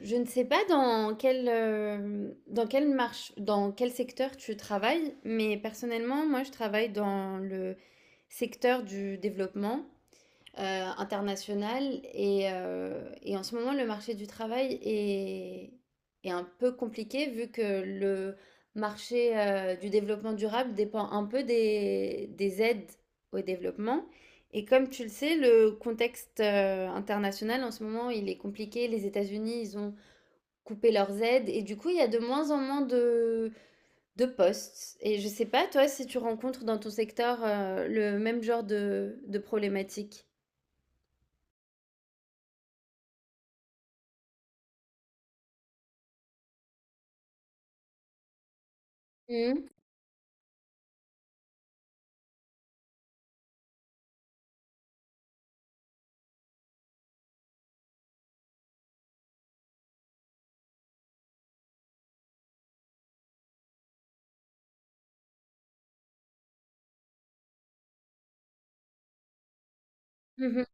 Je ne sais pas dans quel, dans quelle marche, dans quel secteur tu travailles, mais personnellement, moi, je travaille dans le secteur du développement euh, international et en ce moment, le marché du est un peu compliqué vu que le marché du développement durable dépend un peu des aides au développement. Et comme tu le sais, le contexte international en ce moment, il est compliqué. Les États-Unis, ils ont couper leurs aides et du coup, il y a de moins en moins de postes. Et je sais pas, toi, si tu rencontres dans ton secteur le même genre de problématique. Mhm.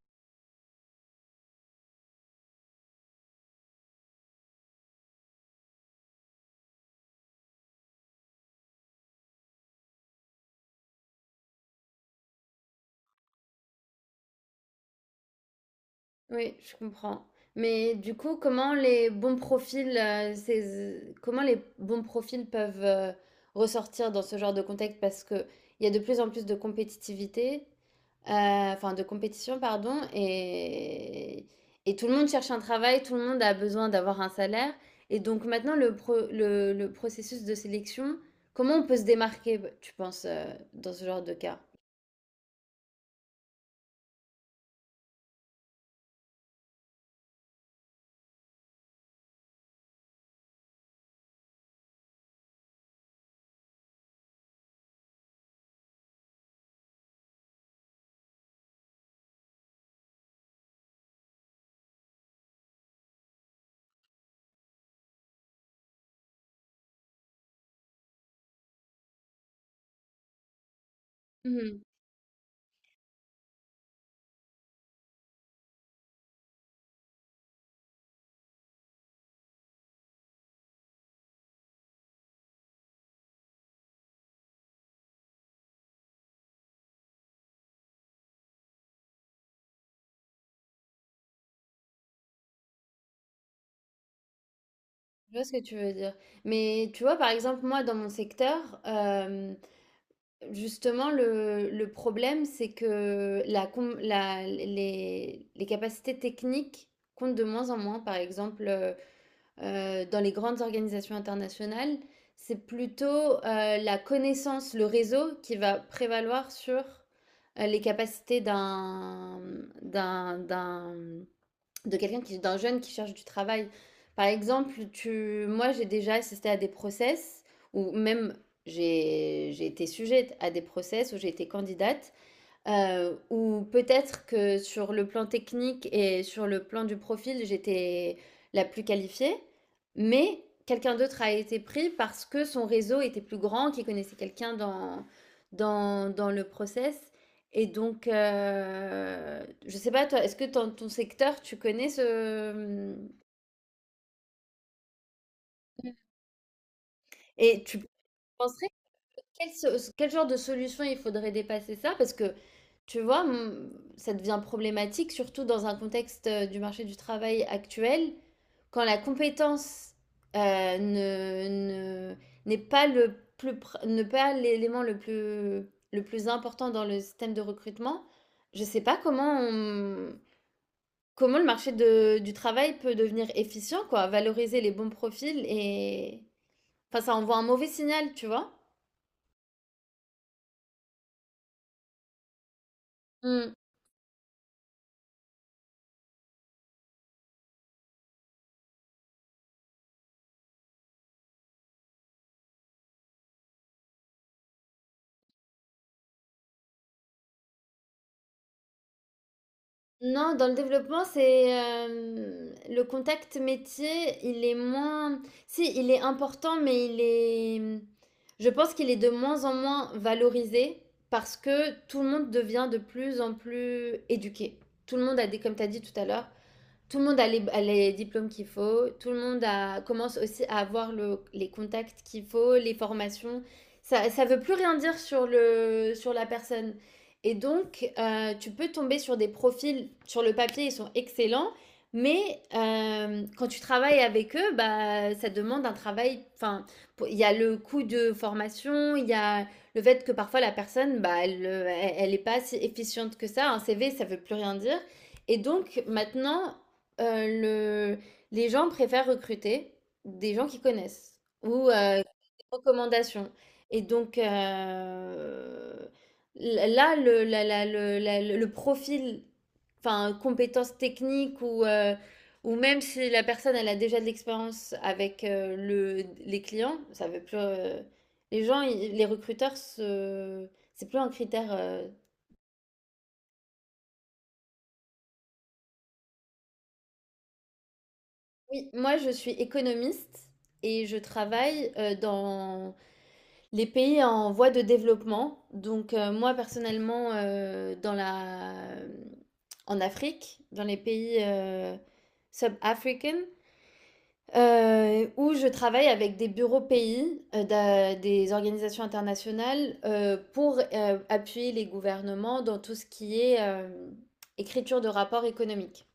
Oui, je comprends. Mais du coup, comment les bons profils peuvent ressortir dans ce genre de contexte? Parce que il y a de plus en plus de compétitivité, enfin de compétition, pardon, et tout le monde cherche un travail, tout le monde a besoin d'avoir un salaire. Et donc maintenant, le processus de sélection, comment on peut se démarquer, tu penses, dans ce genre de cas? Je vois ce que tu veux dire. Mais tu vois, par exemple, moi, dans mon secteur, justement, le problème, c'est que la, com- la- les capacités techniques comptent de moins en moins. Par exemple, dans les grandes organisations internationales, c'est plutôt la connaissance, le réseau qui va prévaloir sur les capacités d'un, d'un d'un jeune qui cherche du travail. Par exemple, moi j'ai déjà assisté à des process ou même j'ai été sujette à des process où j'ai été candidate. Ou peut-être que sur le plan technique et sur le plan du profil, j'étais la plus qualifiée, mais quelqu'un d'autre a été pris parce que son réseau était plus grand, qu'il connaissait quelqu'un dans le process. Et donc, je sais pas toi, est-ce que dans ton secteur, tu connais ce, mmh. Mmh. Et tu penserais. Quel, quel genre de solution il faudrait dépasser ça? Parce que, tu vois, ça devient problématique, surtout dans un contexte du marché du travail actuel, quand la compétence euh, ne, ne- n'est pas le ne pas l'élément le plus important dans le système de recrutement, je ne sais pas comment comment le marché du travail peut devenir efficient, quoi, valoriser les bons profils et... Enfin, ça envoie un mauvais signal, tu vois? Non, dans le développement, c'est hem, le contact métier, il est moins si, il est important, mais il est, mmh, je pense qu'il est de moins en moins valorisé parce que tout le monde devient de plus en plus éduqué. Tout le monde a des comme tu as dit tout à l'heure, tout le monde a les diplômes qu'il faut, tout le monde commence aussi à avoir les contacts qu'il faut, les formations. Ça veut plus rien dire sur sur la personne. Et donc, tu peux tomber sur des profils, sur le papier, ils sont excellents, mais quand tu travailles avec eux, bah, ça demande un travail. Enfin, il y a le coût de formation, il y a le fait que parfois la personne, bah, elle est pas si efficiente que ça. Un CV, ça ne veut plus rien dire. Et donc maintenant, le... Les gens préfèrent recruter des gens qu'ils connaissent ou des recommandations. Et donc l- là, le, la- la- le profil, enfin compétences techniques ou même si la personne elle a déjà de l'expérience avec les clients, ça veut plus. Euh, les les recruteurs, c'est plus un critère, euh. Oui, moi je suis économiste et je travaille dans les pays en voie de développement, donc moi personnellement dans la, en Afrique, dans les pays sub-africains, où je travaille avec des bureaux pays, des organisations internationales pour appuyer les gouvernements dans tout ce qui est écriture de rapports économiques.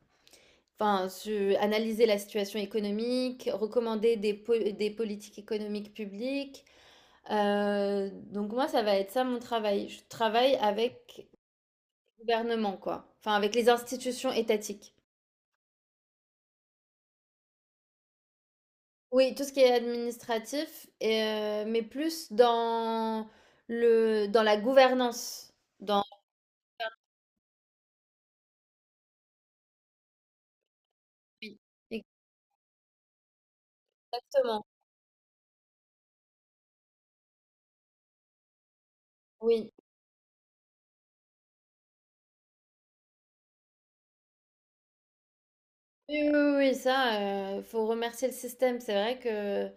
Enfin, analyser la situation économique, recommander des politiques économiques publiques, donc moi, ça va être ça mon travail. Je travaille avec le gouvernement, quoi. Enfin, avec les institutions étatiques. Oui, tout ce qui est administratif, mais plus dans le, dans la gouvernance. Dans... Oui, exactement. Oui. Oui, oui, oui, oui, ça, il faut remercier le système. C'est vrai que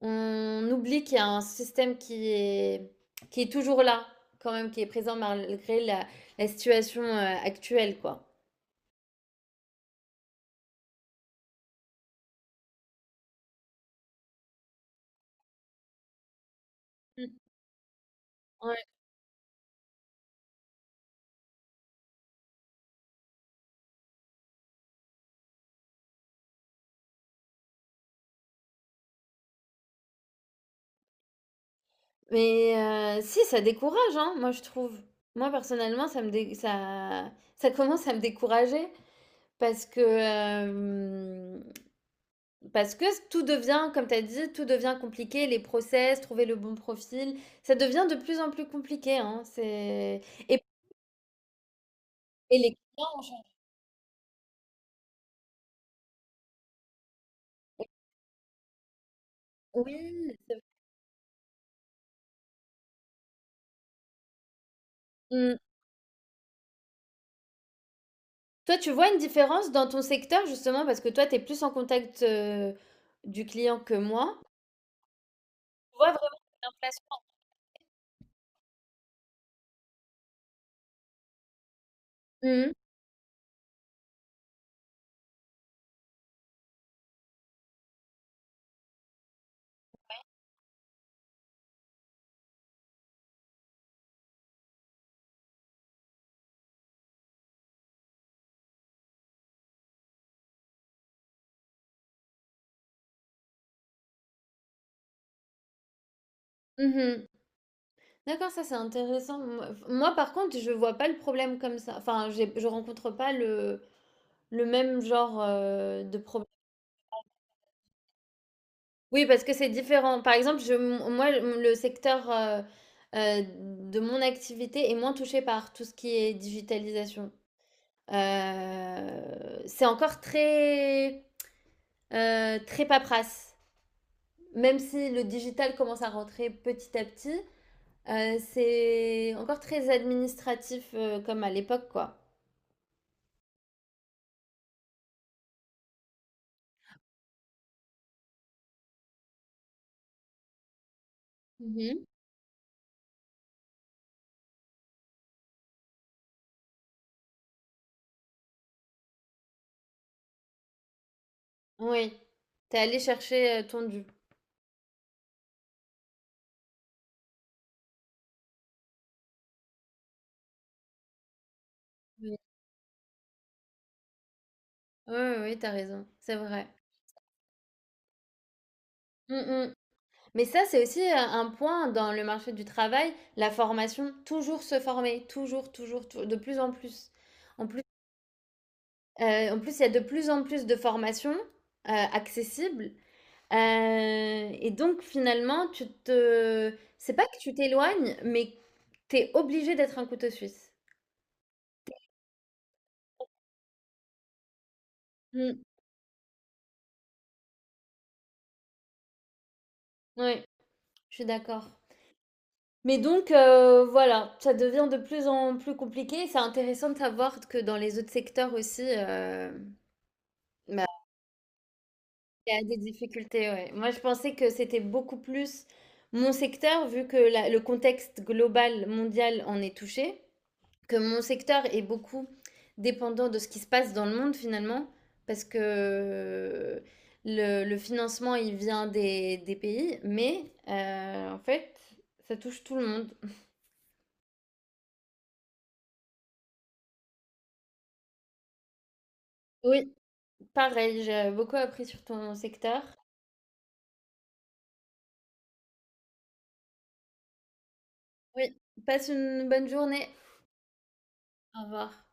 on oublie qu'il y a un système qui est toujours là, quand même, qui est présent malgré la, la situation actuelle, quoi. Mm. Ouais. Mais si, ça décourage, hein, moi, je trouve. Moi, personnellement, ça commence à me décourager parce que, hem, parce que tout devient, comme tu as dit, tout devient compliqué, les process, trouver le bon profil, ça devient de plus en plus compliqué, hein, c'est et les clients ont changé. Oui, c'est v. Mmh. Toi, tu vois une différence dans ton secteur, justement, parce que toi, tu es plus en contact, du client que moi. Tu vois vraiment l'inflation? Mmh mh. Mmh. D'accord, ça c'est intéressant. Moi, par contre, je vois pas le problème comme ça. Enfin, je rencontre pas le même genre de problème. Oui, parce que c'est différent. Par exemple, moi, le secteur euh, de mon activité est moins touché par tout ce qui est digitalisation. C'est encore très paperasse. Même si le digital commence à rentrer petit à petit, c'est encore très administratif comme à l'époque, quoi. Oui, t'es allé chercher ton dû. Oui, oui, oui, t'as raison, c'est vrai. Mm, mm. Mais ça, c'est aussi un point dans le marché du travail, la formation, toujours se former, de plus en plus. En plus, En plus, il y a de plus en plus de formations accessibles. Euh, et donc, finalement, tu te... C'est pas que tu t'éloignes, mais t'es obligé d'être un couteau suisse. Mm. Oui, je suis d'accord. Mais donc, voilà, ça devient de plus en plus compliqué. C'est intéressant de savoir que dans les autres secteurs aussi, hem, bah, il y a des difficultés, ouais. Moi, je pensais que c'était beaucoup plus mon secteur, vu que la le contexte global mondial en est touché, que mon secteur est beaucoup dépendant de ce qui se passe dans le monde finalement, parce que le financement, il vient des pays, mais en fait, ça touche tout le monde. Oui. Pareil, j'ai beaucoup appris sur ton secteur. Oui, passe une bonne journée. Au revoir.